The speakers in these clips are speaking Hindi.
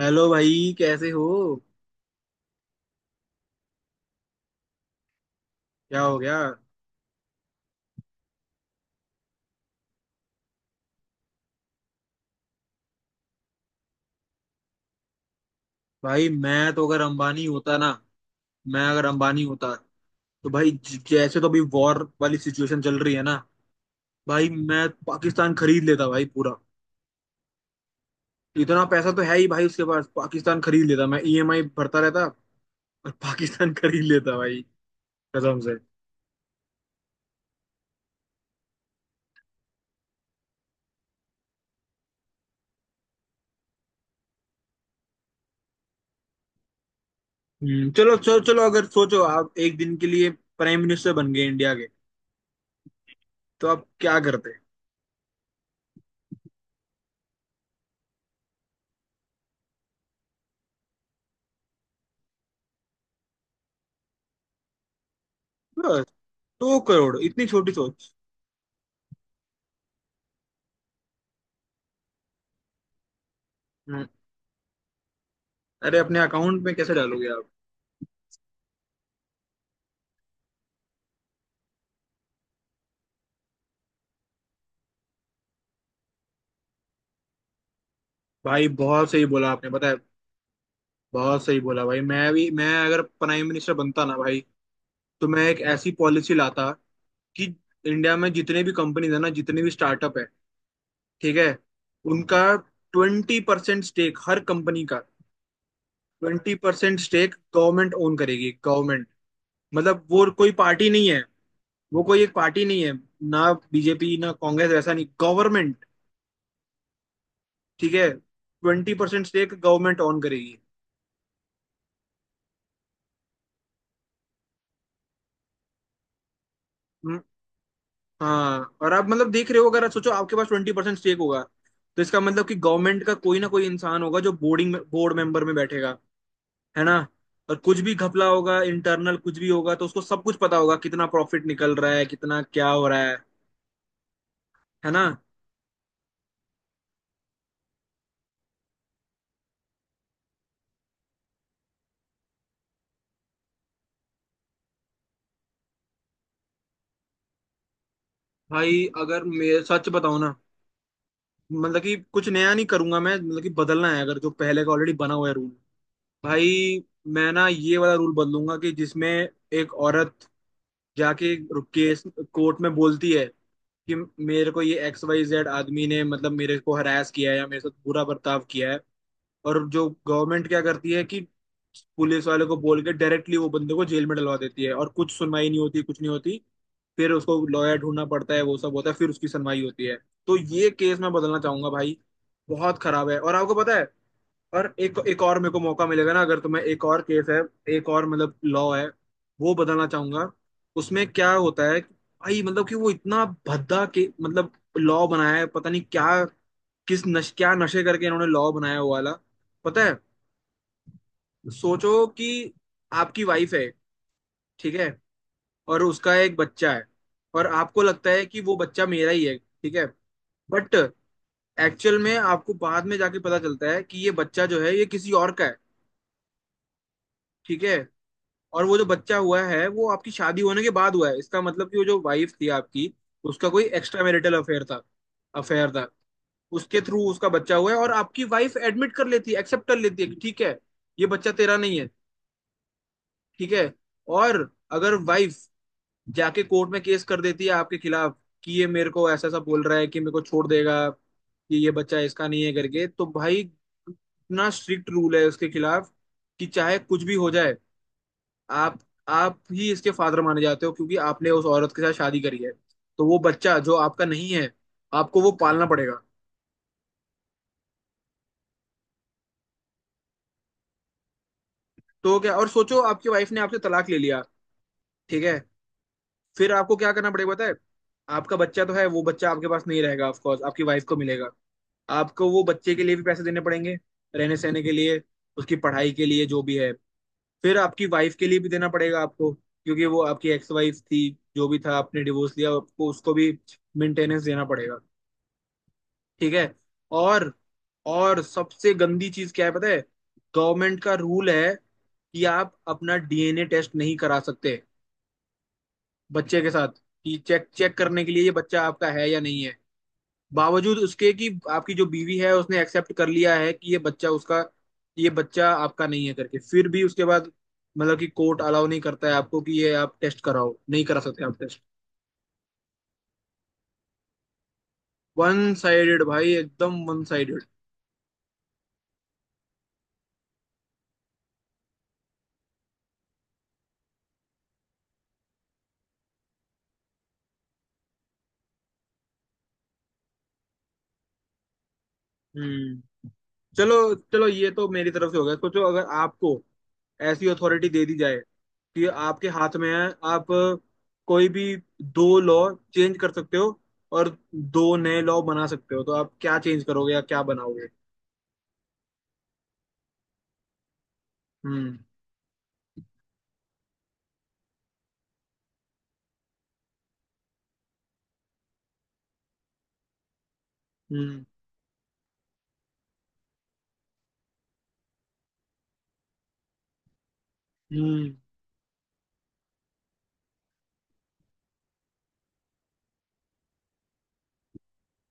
हेलो भाई, कैसे हो? क्या हो गया? भाई, मैं तो अगर अंबानी होता ना, मैं अगर अंबानी होता, तो भाई जैसे तो अभी वॉर वाली सिचुएशन चल रही है ना। भाई, मैं पाकिस्तान खरीद लेता भाई, पूरा। इतना पैसा तो है ही भाई उसके पास। पाकिस्तान खरीद लेता मैं, ईएमआई भरता रहता, और पाकिस्तान खरीद लेता भाई। कसम से। हम्म, चलो चलो चलो, अगर सोचो आप 1 दिन के लिए प्राइम मिनिस्टर बन गए इंडिया के, तो आप क्या करते? बस? 2 करोड़? इतनी छोटी सोच? हम्म। अरे, अपने अकाउंट में कैसे डालोगे आप? भाई, बहुत सही बोला आपने, पता है। बहुत सही बोला भाई, मैं अगर प्राइम मिनिस्टर बनता ना भाई, तो मैं एक ऐसी पॉलिसी लाता कि इंडिया में जितने भी कंपनीज है ना, जितने भी स्टार्टअप है, ठीक है, उनका 20% स्टेक, हर कंपनी का 20% स्टेक गवर्नमेंट ओन करेगी, गवर्नमेंट। मतलब वो कोई पार्टी नहीं है, वो कोई एक पार्टी नहीं है, ना बीजेपी ना कांग्रेस, वैसा नहीं, गवर्नमेंट। ठीक है, 20% स्टेक गवर्नमेंट ओन करेगी। हाँ, और आप मतलब देख रहे हो, अगर आप सोचो आपके पास 20% स्टेक होगा, तो इसका मतलब कि गवर्नमेंट का कोई ना कोई इंसान होगा जो बोर्डिंग में, बोर्ड मेंबर में बैठेगा, है ना। और कुछ भी घपला होगा इंटरनल, कुछ भी होगा तो उसको सब कुछ पता होगा, कितना प्रॉफिट निकल रहा है, कितना क्या हो रहा है ना। भाई, अगर मैं सच बताऊं ना, मतलब कि कुछ नया नहीं करूंगा मैं, मतलब कि बदलना है अगर, जो पहले का ऑलरेडी बना हुआ है रूल, भाई। मैं ना ये वाला रूल बदलूंगा, कि जिसमें एक औरत जाके केस कोर्ट में बोलती है कि मेरे को ये एक्स वाई जेड आदमी ने, मतलब मेरे को हरास किया है या मेरे साथ बुरा बर्ताव किया है, और जो गवर्नमेंट क्या करती है कि पुलिस वाले को बोल के डायरेक्टली वो बंदे को जेल में डलवा देती है, और कुछ सुनवाई नहीं होती, कुछ नहीं होती। फिर उसको लॉयर ढूंढना पड़ता है, वो सब होता है, फिर उसकी सुनवाई होती है। तो ये केस मैं बदलना चाहूंगा भाई, बहुत खराब है, और आपको पता है। और एक एक और मेरे को मौका मिलेगा ना अगर, तो मैं, एक और केस है, एक और मतलब लॉ है, वो बताना चाहूंगा। उसमें क्या होता है कि भाई, मतलब कि वो इतना भद्दा के, मतलब लॉ बनाया है, पता नहीं क्या, किस नश, क्या नशे करके इन्होंने लॉ बनाया हुआ वाला, पता है। सोचो कि आपकी वाइफ है, ठीक है, और उसका एक बच्चा है, और आपको लगता है कि वो बच्चा मेरा ही है, ठीक है। बट एक्चुअल में आपको बाद में जाके पता चलता है कि ये बच्चा जो है, ये किसी और का है, ठीक है। और वो जो बच्चा हुआ है वो आपकी शादी होने के बाद हुआ है, इसका मतलब कि वो जो वाइफ थी आपकी, उसका कोई एक्स्ट्रा मैरिटल अफेयर था, अफेयर था। उसके थ्रू उसका बच्चा हुआ है, और आपकी वाइफ एडमिट कर लेती है, एक्सेप्ट कर लेती है कि ठीक है, ये बच्चा तेरा नहीं है, ठीक है। और अगर वाइफ जाके कोर्ट में केस कर देती है आपके खिलाफ, कि ये मेरे को ऐसा ऐसा बोल रहा है कि मेरे को छोड़ देगा, कि ये बच्चा इसका नहीं है करके, तो भाई, इतना स्ट्रिक्ट रूल है उसके खिलाफ कि चाहे कुछ भी हो जाए, आप आप ही इसके फादर माने जाते हो, क्योंकि आपने उस औरत के साथ शादी करी है। तो वो बच्चा जो आपका नहीं है, आपको वो पालना पड़ेगा। तो क्या, और सोचो आपकी वाइफ ने आपसे तलाक ले लिया, ठीक है। फिर आपको क्या करना पड़ेगा पता है? आपका बच्चा तो है, वो बच्चा आपके पास नहीं रहेगा, ऑफ कोर्स आपकी वाइफ को मिलेगा। आपको वो बच्चे के लिए भी पैसे देने पड़ेंगे, रहने सहने के लिए, उसकी पढ़ाई के लिए, जो भी है। फिर आपकी वाइफ के लिए भी देना पड़ेगा आपको, क्योंकि वो आपकी एक्स वाइफ थी, जो भी था आपने डिवोर्स लिया, आपको उसको भी मेंटेनेंस देना पड़ेगा, ठीक है। और और सबसे गंदी चीज क्या है पता है? गवर्नमेंट का रूल है कि आप अपना डीएनए टेस्ट नहीं करा सकते बच्चे के साथ, कि चेक चेक करने के लिए ये बच्चा आपका है या नहीं है। बावजूद उसके कि आपकी जो बीवी है उसने एक्सेप्ट कर लिया है कि ये बच्चा उसका, ये बच्चा आपका नहीं है करके, फिर भी उसके बाद मतलब कि कोर्ट अलाउ नहीं करता है आपको कि ये आप टेस्ट कराओ, नहीं करा सकते आप टेस्ट। वन साइडेड भाई, एकदम वन साइडेड। हम्म, चलो चलो, ये तो मेरी तरफ से हो गया। सोचो अगर आपको ऐसी अथॉरिटी दे दी जाए कि आपके हाथ में है, आप कोई भी 2 लॉ चेंज कर सकते हो और 2 नए लॉ बना सकते हो, तो आप क्या चेंज करोगे या क्या बनाओगे? हम्म। हम्म। हम्म।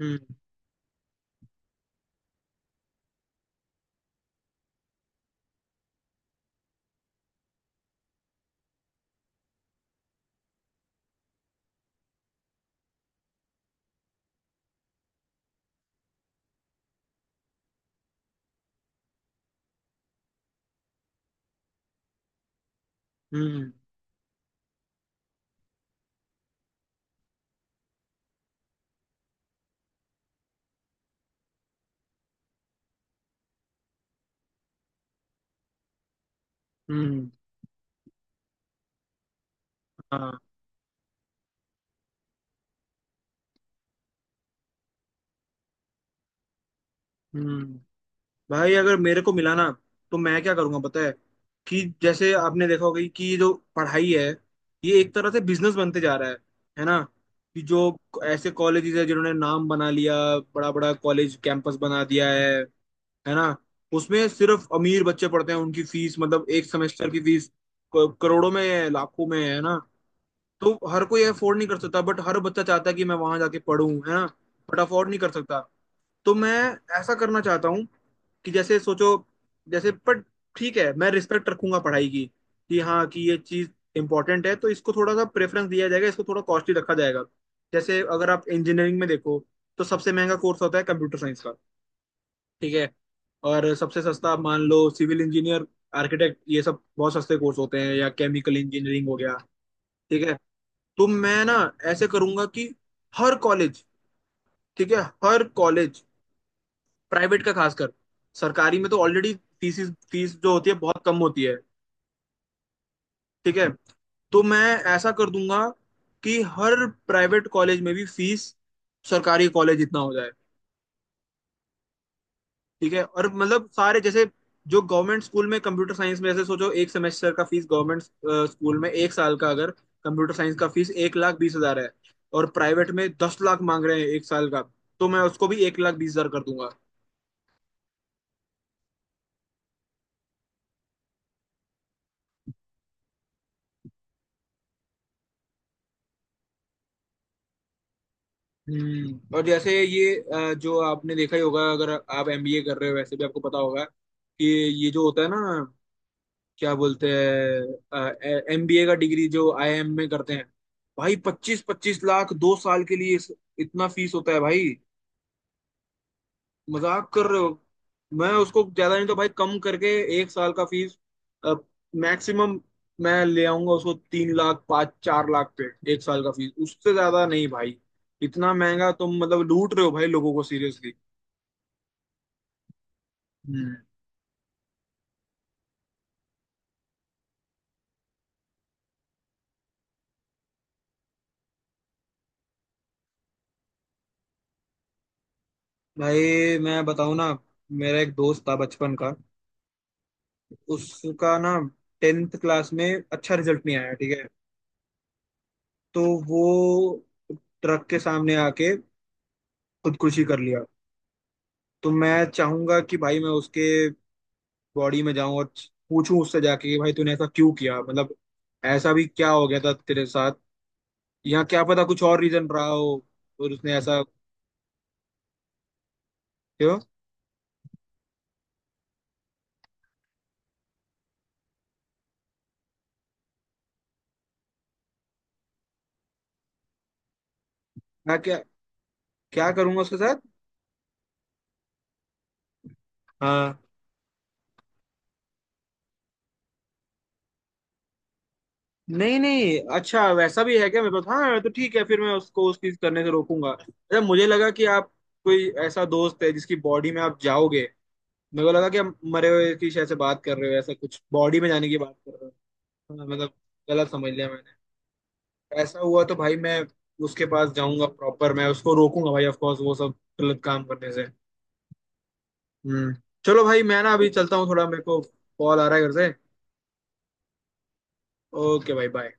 हम्म। हम्म। हम्म। हाँ। हम्म। भाई, अगर मेरे को मिला ना, तो मैं क्या करूंगा पता है? कि जैसे आपने देखा होगा कि ये जो पढ़ाई है, ये एक तरह से बिजनेस बनते जा रहा है ना। कि जो ऐसे कॉलेजेस है जिन्होंने नाम बना लिया, बड़ा बड़ा कॉलेज कैंपस बना दिया है ना। उसमें सिर्फ अमीर बच्चे पढ़ते हैं, उनकी फीस, मतलब 1 सेमेस्टर की फीस करोड़ों में है, लाखों में है ना। तो हर कोई अफोर्ड नहीं कर सकता, बट हर बच्चा चाहता है कि मैं वहां जाके पढ़ूं, है ना। बट अफोर्ड नहीं कर सकता। तो मैं ऐसा करना चाहता हूँ कि जैसे सोचो, जैसे पर, ठीक है, मैं रिस्पेक्ट रखूंगा पढ़ाई की कि हाँ, कि ये चीज इंपॉर्टेंट है, तो इसको थोड़ा सा प्रेफरेंस दिया जाएगा, इसको थोड़ा कॉस्टली रखा जाएगा। जैसे अगर आप इंजीनियरिंग में देखो, तो सबसे महंगा कोर्स होता है कंप्यूटर साइंस का, ठीक है, और सबसे सस्ता मान लो सिविल इंजीनियर, आर्किटेक्ट, ये सब बहुत सस्ते कोर्स होते हैं, या केमिकल इंजीनियरिंग हो गया, ठीक है। तो मैं ना ऐसे करूंगा कि हर कॉलेज, ठीक है, हर कॉलेज, प्राइवेट का खासकर, सरकारी में तो ऑलरेडी फीस फीस जो होती है बहुत कम होती है, ठीक है। तो मैं ऐसा कर दूंगा कि हर प्राइवेट कॉलेज में भी फीस सरकारी कॉलेज इतना हो जाए, ठीक है। और मतलब सारे, जैसे जो गवर्नमेंट स्कूल में कंप्यूटर साइंस में, जैसे सोचो 1 सेमेस्टर का फीस गवर्नमेंट स्कूल में, 1 साल का अगर कंप्यूटर साइंस का फीस 1,20,000 है, और प्राइवेट में 10 लाख मांग रहे हैं 1 साल का, तो मैं उसको भी 1,20,000 कर दूंगा। हम्म। और जैसे ये जो आपने देखा ही होगा, अगर आप एमबीए कर रहे हो, वैसे भी आपको पता होगा कि ये जो होता है ना, क्या बोलते हैं, एमबीए का डिग्री जो आईआईएम में करते हैं, भाई 25-25 लाख 2 साल के लिए, इतना फीस होता है भाई, मजाक कर रहे हो। मैं उसको ज्यादा नहीं तो भाई कम करके, 1 साल का फीस मैक्सिमम मैं ले आऊंगा उसको, 3 लाख, पाँच चार लाख पे, 1 साल का फीस उससे ज्यादा नहीं भाई। इतना महंगा तुम मतलब लूट रहे हो भाई लोगों को, सीरियसली। हम्म। भाई, मैं बताऊं ना, मेरा एक दोस्त था बचपन का, उसका ना टेंथ क्लास में अच्छा रिजल्ट नहीं आया, ठीक है। तो वो ट्रक के सामने आके खुदकुशी कर लिया। तो मैं चाहूंगा कि भाई मैं उसके बॉडी में जाऊं और पूछूं उससे जाके कि भाई तूने ऐसा क्यों किया, मतलब ऐसा भी क्या हो गया था तेरे साथ, यहाँ क्या पता कुछ और रीजन रहा हो और उसने ऐसा क्यों। मैं क्या, क्या करूंगा उसके साथ? हाँ। नहीं नहीं, अच्छा वैसा भी है क्या मेरे पास? हाँ तो ठीक है, फिर मैं उसको उस चीज करने से रोकूंगा। अच्छा, मुझे लगा कि आप, कोई ऐसा दोस्त है जिसकी बॉडी में आप जाओगे? मेरे को लगा कि आप मरे हुए की शायद से बात कर रहे हो, ऐसा कुछ बॉडी में जाने की बात कर रहे हो। हाँ, मतलब गलत समझ लिया मैंने। ऐसा हुआ तो भाई मैं उसके पास जाऊंगा प्रॉपर, मैं उसको रोकूंगा भाई, ऑफ कोर्स वो सब गलत काम करने से। हम्म। चलो भाई, मैं ना अभी चलता हूँ थोड़ा, मेरे को कॉल आ रहा है घर से। ओके भाई, बाय।